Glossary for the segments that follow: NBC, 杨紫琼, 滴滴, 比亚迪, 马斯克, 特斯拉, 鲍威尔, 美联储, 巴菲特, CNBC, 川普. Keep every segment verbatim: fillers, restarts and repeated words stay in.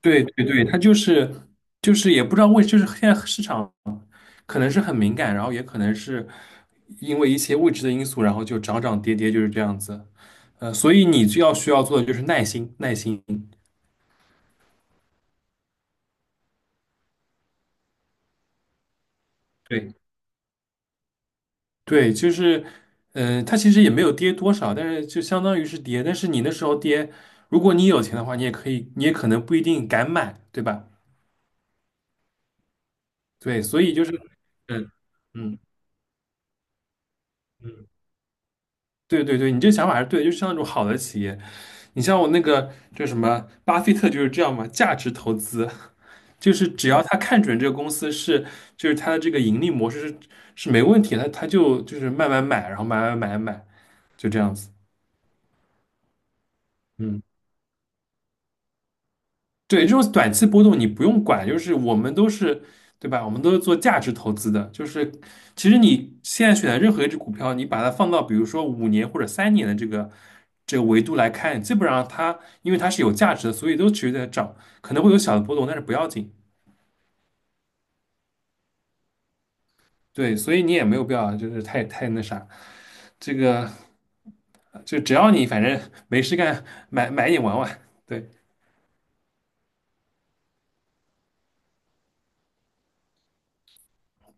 对对对，它就是就是也不知道为，就是现在市场可能是很敏感，然后也可能是因为一些未知的因素，然后就涨涨跌跌就是这样子。呃，所以你就要需要做的就是耐心，耐心。对对，就是，呃，它其实也没有跌多少，但是就相当于是跌。但是你那时候跌，如果你有钱的话，你也可以，你也可能不一定敢买，对吧？对，所以就是，嗯嗯嗯。对对对，你这个想法还是对的，就是像那种好的企业，你像我那个就什么巴菲特就是这样嘛，价值投资就是只要他看准这个公司是，就是他的这个盈利模式是是没问题的，他他就就是慢慢买，然后买买买买，就这样子。嗯对，这种短期波动你不用管，就是我们都是，对吧？我们都是做价值投资的，就是其实你现在选的任何一只股票，你把它放到比如说五年或者三年的这个这个维度来看，基本上它因为它是有价值的，所以都持续在涨，可能会有小的波动，但是不要紧。对，所以你也没有必要就是太太那啥，这个就只要你反正没事干，买买一点玩玩。对。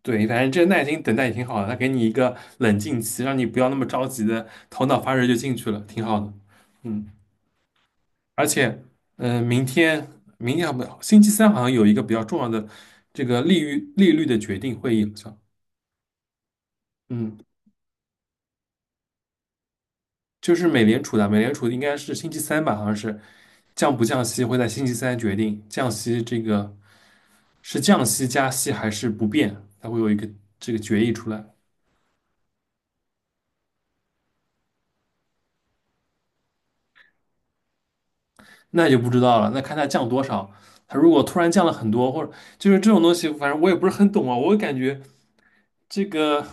对，反正这耐心等待也挺好的，他给你一个冷静期，让你不要那么着急的头脑发热就进去了，挺好的。嗯，而且，嗯、明天明天好不，星期三好像有一个比较重要的这个利率利率的决定会议，好像，嗯，就是美联储的，美联储应该是星期三吧，好像是降不降息会在星期三决定，降息这个是降息加息还是不变，它会有一个这个决议出来。那就不知道了，那看它降多少。它如果突然降了很多，或者就是这种东西，反正我也不是很懂啊。我感觉这个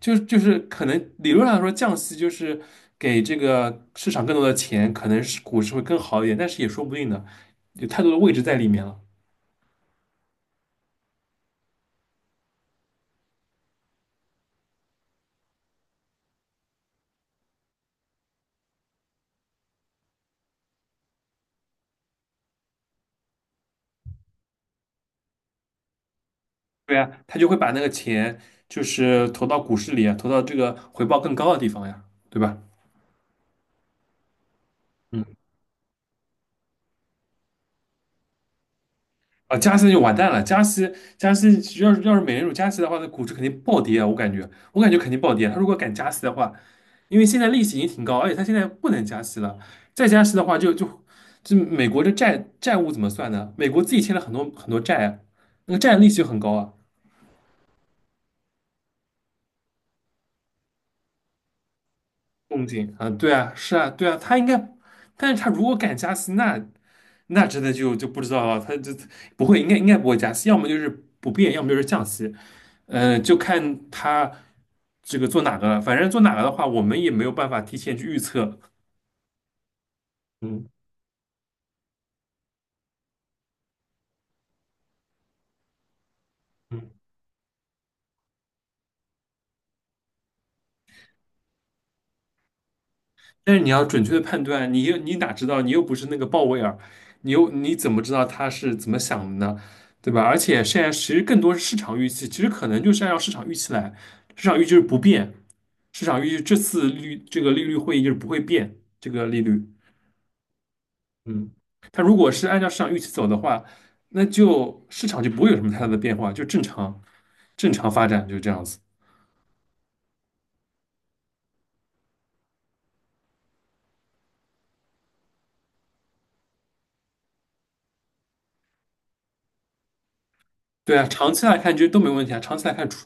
就就是可能理论上来说降息就是给这个市场更多的钱，可能是股市会更好一点，但是也说不定的，有太多的位置在里面了。对呀，他就会把那个钱就是投到股市里啊，投到这个回报更高的地方呀，对吧？嗯。啊，加息就完蛋了。加息，加息，要是要是美联储加息的话，那股市肯定暴跌啊！我感觉，我感觉肯定暴跌。他如果敢加息的话，因为现在利息已经挺高，而且他现在不能加息了，再加息的话就，就就美国的债债务怎么算呢？美国自己欠了很多很多债啊，那个债利息就很高啊。动静啊，对啊，是啊，对啊，他应该，但是他如果敢加息，那那真的就就不知道了，他就不会，应该应该不会加息，要么就是不变，要么就是降息。嗯，就看他这个做哪个了。反正做哪个的话，我们也没有办法提前去预测。嗯嗯，但是你要准确的判断，你又你哪知道？你又不是那个鲍威尔，你又你怎么知道他是怎么想的呢？对吧？而且现在其实更多是市场预期，其实可能就是按照市场预期来，市场预期是不变，市场预期这次利率这个利率会议就是不会变这个利率。嗯，它如果是按照市场预期走的话，那就市场就不会有什么太大的变化，就正常正常发展，就这样子。对啊，长期来看其实都没问题啊。长期来看，除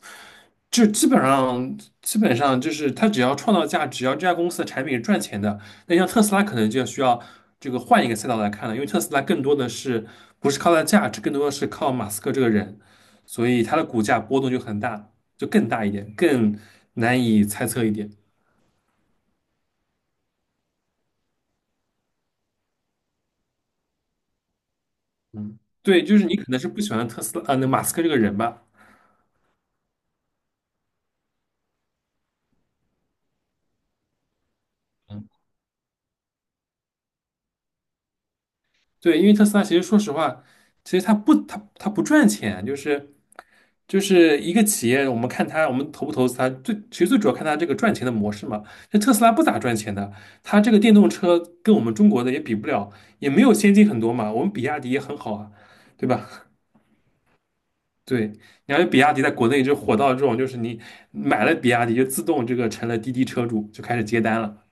就基本上基本上就是它只要创造价值，只要这家公司的产品是赚钱的，那像特斯拉可能就要需要这个换一个赛道来看了，因为特斯拉更多的是不是靠它的价值，更多的是靠马斯克这个人，所以它的股价波动就很大，就更大一点，更难以猜测一点。嗯对，就是你可能是不喜欢特斯拉啊，那马斯克这个人吧。嗯对，因为特斯拉其实说实话，其实它不它它不赚钱，就是就是一个企业，我们看它我们投不投资它，最其实最主要看它这个赚钱的模式嘛。这特斯拉不咋赚钱的，它这个电动车跟我们中国的也比不了，也没有先进很多嘛。我们比亚迪也很好啊，对吧？对，你看比亚迪在国内就火到这种，就是你买了比亚迪就自动这个成了滴滴车主，就开始接单了。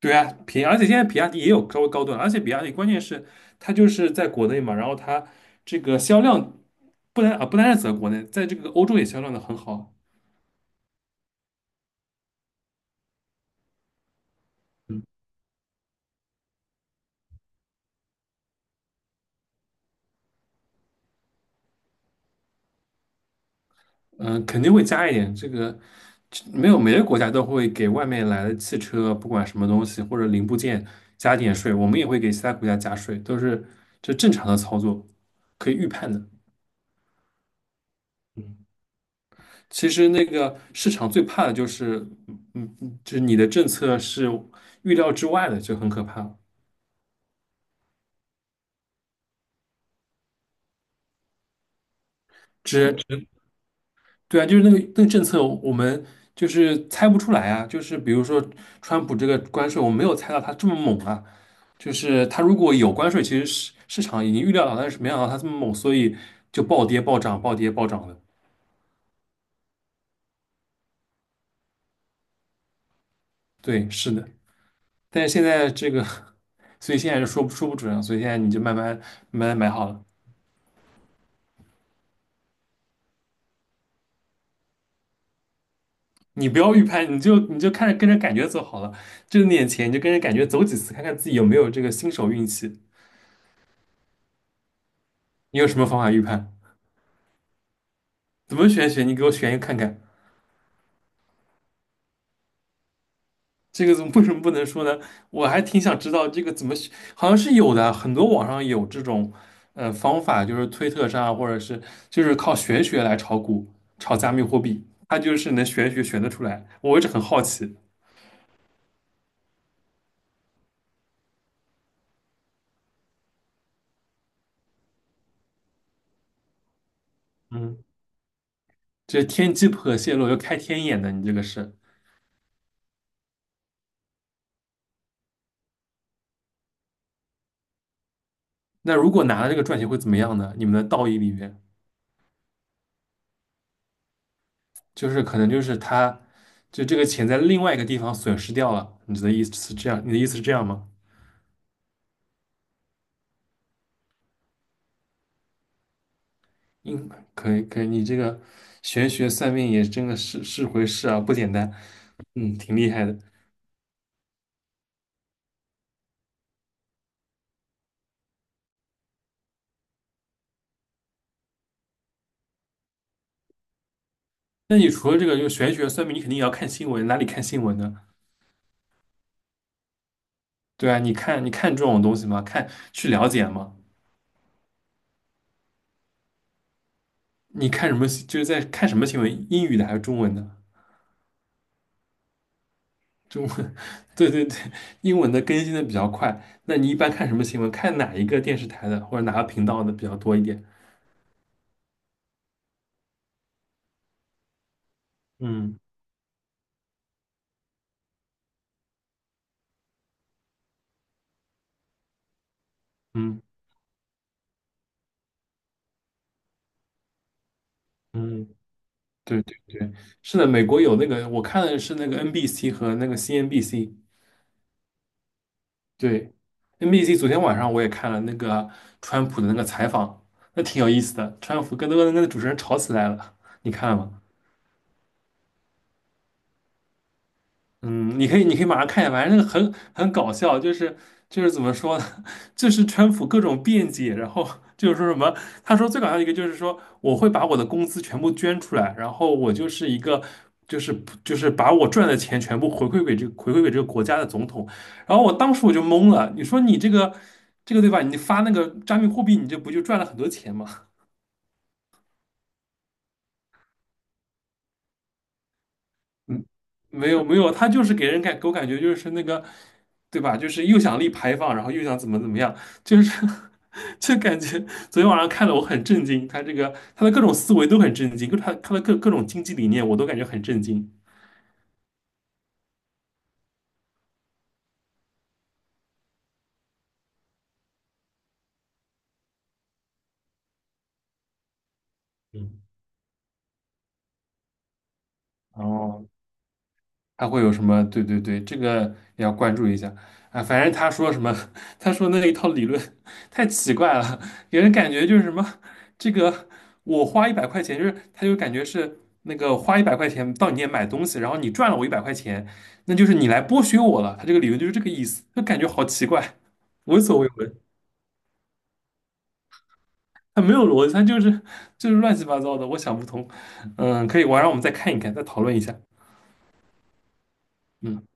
对啊，平，而且现在比亚迪也有稍微高端，而且比亚迪关键是它就是在国内嘛，然后它这个销量不单啊不单是在国内，在这个欧洲也销量的很好，嗯、肯定会加一点。这个没有每个国家都会给外面来的汽车，不管什么东西或者零部件加点税，我们也会给其他国家加税，都是这正常的操作，可以预判的。嗯，其实那个市场最怕的就是，嗯嗯，就是你的政策是预料之外的，就很可怕。只对啊，就是那个那个政策，我们就是猜不出来啊。就是比如说，川普这个关税，我没有猜到他这么猛啊。就是他如果有关税，其实市市场已经预料到，但是没想到他这么猛，所以就暴跌暴涨，暴跌暴涨的。对，是的。但是现在这个，所以现在就说不说不准啊。所以现在你就慢慢慢慢买好了，你不要预判，你就你就看着跟着感觉走好了。挣点钱你就跟着感觉走几次，看看自己有没有这个新手运气。你有什么方法预判？怎么玄学？你给我选一个看看，这个怎么为什么不能说呢？我还挺想知道这个怎么选好像是有的，很多网上有这种呃方法，就是推特上或者是就是靠玄学来炒股、炒加密货币，它就是能玄学选得出来。我一直很好奇，嗯，这天机不可泄露，要开天眼的，你这个是。那如果拿了这个赚钱会怎么样呢？你们的道义里面，就是可能就是他就这个钱在另外一个地方损失掉了，你的意思是这样？你的意思是这样吗？嗯，可以可以，你这个玄学算命也真的是是回事啊，不简单，嗯，挺厉害的。那你除了这个就玄学算命，你肯定也要看新闻，哪里看新闻呢？对啊，你看你看这种东西吗？看去了解吗？你看什么？就是在看什么新闻？英语的还是中文的？中文，对对对，英文的更新的比较快。那你一般看什么新闻？看哪一个电视台的或者哪个频道的比较多一点？嗯嗯嗯。对对对，是的，美国有那个，我看的是那个 N B C 和那个 C N B C。对，N B C 昨天晚上我也看了那个川普的那个采访，那挺有意思的。川普跟那个那个主持人吵起来了，你看了吗？嗯，你可以，你可以马上看一下，反正那个很很搞笑，就是就是怎么说呢，就是川普各种辩解，然后就是说什么，他说最搞笑一个就是说我会把我的工资全部捐出来，然后我就是一个就是就是把我赚的钱全部回馈给这个回馈给这个国家的总统，然后我当时我就懵了，你说你这个这个对吧？你发那个加密货币，你这不就赚了很多钱吗？嗯，没有没有，他就是给人感给我感觉就是那个，对吧？就是又想立牌坊，然后又想怎么怎么样，就是 就感觉昨天晚上看的我很震惊，他这个他的各种思维都很震惊，各他他的各各种经济理念我都感觉很震惊。嗯，哦，他会有什么？对对对，这个也要关注一下啊。反正他说什么，他说那一套理论太奇怪了，给人感觉就是什么，这个我花一百块钱，就是他就感觉是那个花一百块钱到你店买东西，然后你赚了我一百块钱，那就是你来剥削我了。他这个理论就是这个意思，就感觉好奇怪，闻所未闻。他没有逻辑，他就是就是乱七八糟的，我想不通。嗯，可以，晚上我们再看一看，再讨论一下。嗯。